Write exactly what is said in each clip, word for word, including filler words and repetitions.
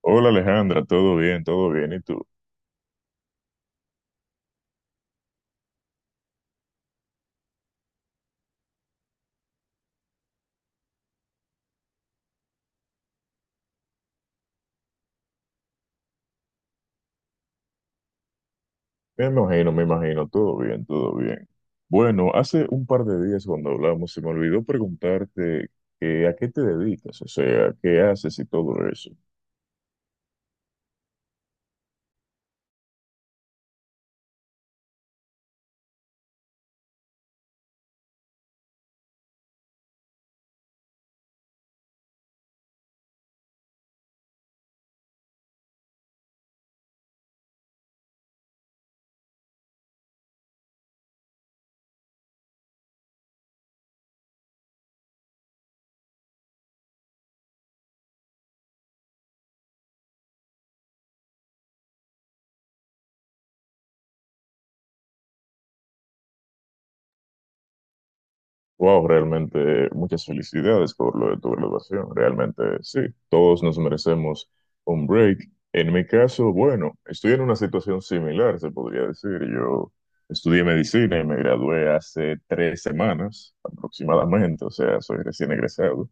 Hola Alejandra, todo bien, todo bien. ¿Y tú? Me imagino, me imagino, todo bien, todo bien. Bueno, hace un par de días cuando hablamos se me olvidó preguntarte que, a qué te dedicas, o sea, qué haces y todo eso. Wow, realmente muchas felicidades por lo de tu graduación. Realmente sí, todos nos merecemos un break. En mi caso, bueno, estoy en una situación similar, se podría decir. Yo estudié medicina y me gradué hace tres semanas aproximadamente, o sea, soy recién egresado.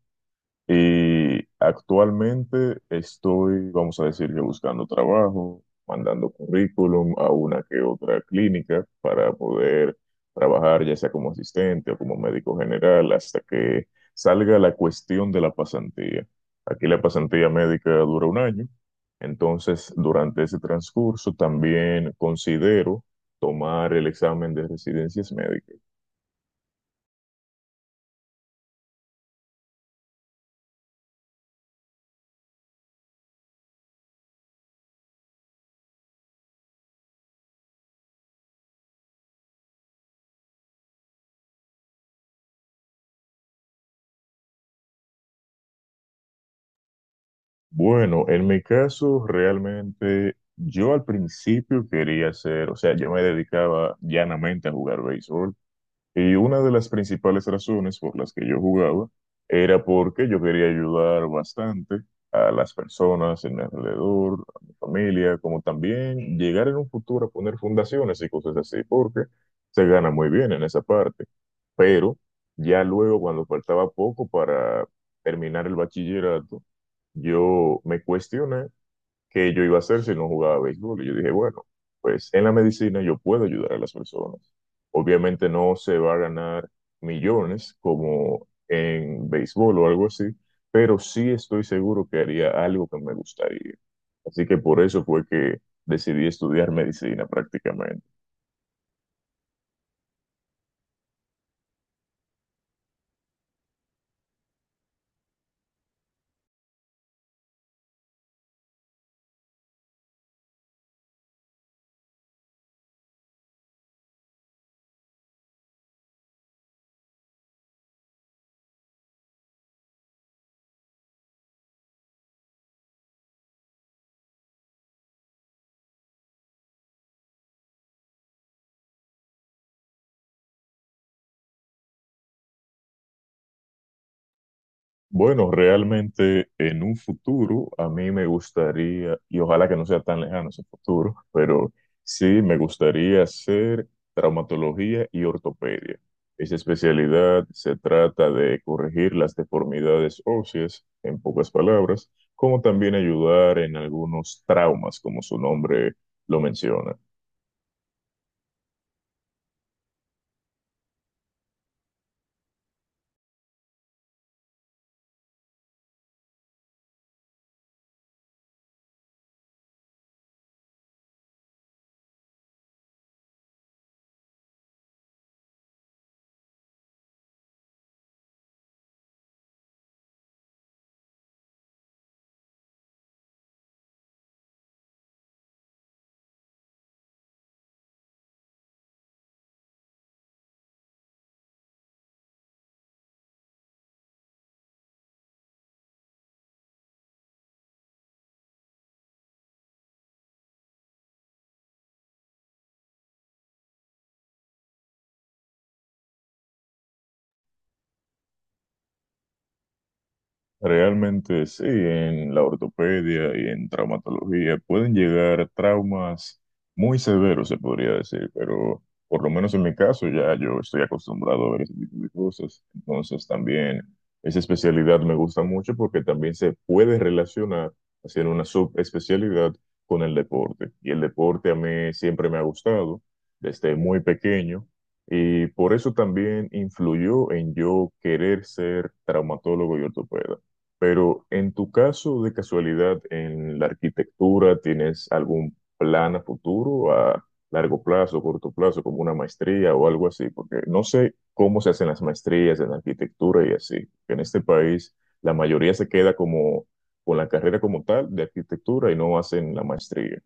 Y actualmente estoy, vamos a decir que buscando trabajo, mandando currículum a una que otra clínica para poder trabajar ya sea como asistente o como médico general hasta que salga la cuestión de la pasantía. Aquí la pasantía médica dura un año, entonces durante ese transcurso también considero tomar el examen de residencias médicas. Bueno, en mi caso, realmente yo al principio quería ser, o sea, yo me dedicaba llanamente a jugar béisbol. Y una de las principales razones por las que yo jugaba era porque yo quería ayudar bastante a las personas en mi alrededor, a mi familia, como también llegar en un futuro a poner fundaciones y cosas así, porque se gana muy bien en esa parte. Pero ya luego, cuando faltaba poco para terminar el bachillerato, yo me cuestioné que yo iba a hacer si no jugaba béisbol. Y yo dije, bueno, pues en la medicina yo puedo ayudar a las personas. Obviamente no se va a ganar millones como en béisbol o algo así, pero sí estoy seguro que haría algo que me gustaría. Así que por eso fue que decidí estudiar medicina prácticamente. Bueno, realmente en un futuro a mí me gustaría, y ojalá que no sea tan lejano ese futuro, pero sí me gustaría hacer traumatología y ortopedia. Esa especialidad se trata de corregir las deformidades óseas, en pocas palabras, como también ayudar en algunos traumas, como su nombre lo menciona. Realmente sí, en la ortopedia y en traumatología pueden llegar traumas muy severos, se podría decir, pero por lo menos en mi caso ya yo estoy acostumbrado a ver ese tipo de cosas. Entonces también esa especialidad me gusta mucho porque también se puede relacionar, hacer una subespecialidad con el deporte. Y el deporte a mí siempre me ha gustado desde muy pequeño. Y por eso también influyó en yo querer ser traumatólogo y ortopeda. Pero en tu caso, de casualidad, en la arquitectura, ¿tienes algún plan a futuro, a largo plazo, corto plazo, como una maestría o algo así? Porque no sé cómo se hacen las maestrías en arquitectura y así. En este país, la mayoría se queda como con la carrera como tal de arquitectura y no hacen la maestría.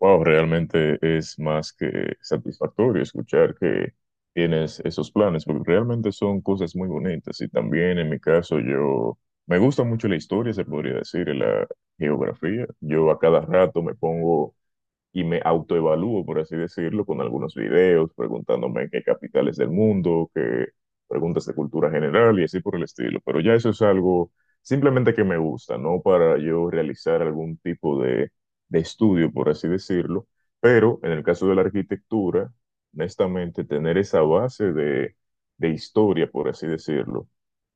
Wow, realmente es más que satisfactorio escuchar que tienes esos planes, porque realmente son cosas muy bonitas. Y también en mi caso, yo me gusta mucho la historia, se podría decir, y la geografía. Yo a cada rato me pongo y me autoevalúo, por así decirlo, con algunos videos, preguntándome qué capitales del mundo, qué preguntas de cultura general y así por el estilo. Pero ya eso es algo simplemente que me gusta, no para yo realizar algún tipo de, de estudio, por así decirlo. Pero en el caso de la arquitectura, honestamente, tener esa base de, de historia, por así decirlo,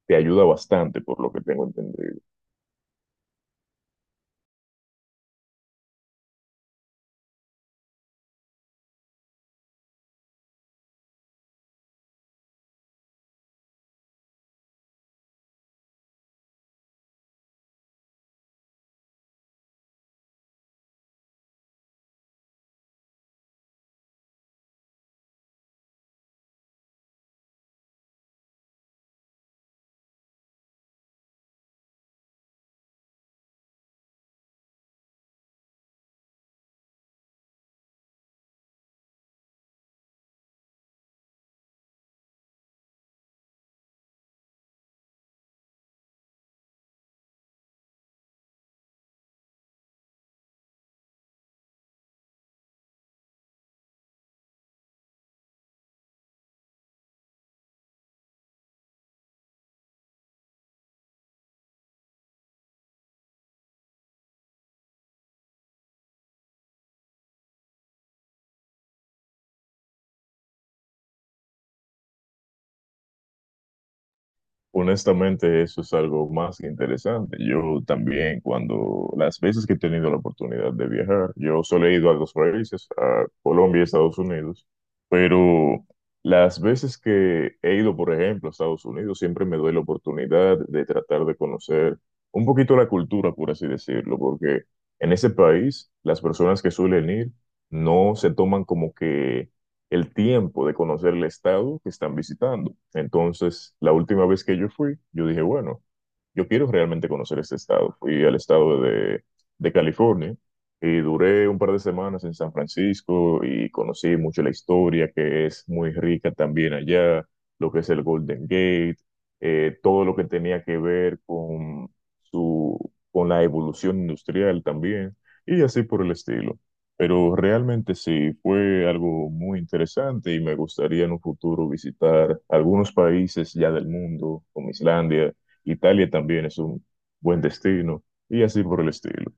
te ayuda bastante, por lo que tengo entendido. Honestamente, eso es algo más que interesante. Yo también, cuando las veces que he tenido la oportunidad de viajar, yo solo he ido a dos países, a Colombia y Estados Unidos, pero las veces que he ido, por ejemplo, a Estados Unidos, siempre me doy la oportunidad de tratar de conocer un poquito la cultura, por así decirlo, porque en ese país las personas que suelen ir no se toman como que el tiempo de conocer el estado que están visitando. Entonces, la última vez que yo fui, yo dije, bueno, yo quiero realmente conocer este estado. Fui al estado de, de California y duré un par de semanas en San Francisco y conocí mucho la historia, que es muy rica también allá, lo que es el Golden Gate, eh, todo lo que tenía que ver con su, con la evolución industrial también, y así por el estilo. Pero realmente sí, fue algo muy interesante y me gustaría en un futuro visitar algunos países ya del mundo, como Islandia, Italia también es un buen destino y así por el estilo.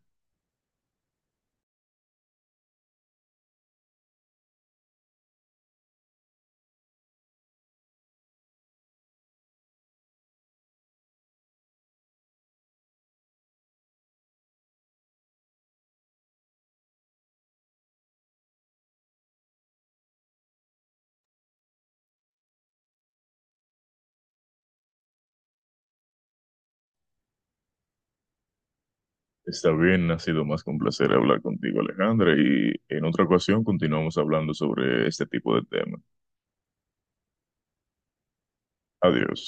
Está bien, ha sido más que un placer hablar contigo, Alejandra, y en otra ocasión continuamos hablando sobre este tipo de temas. Adiós.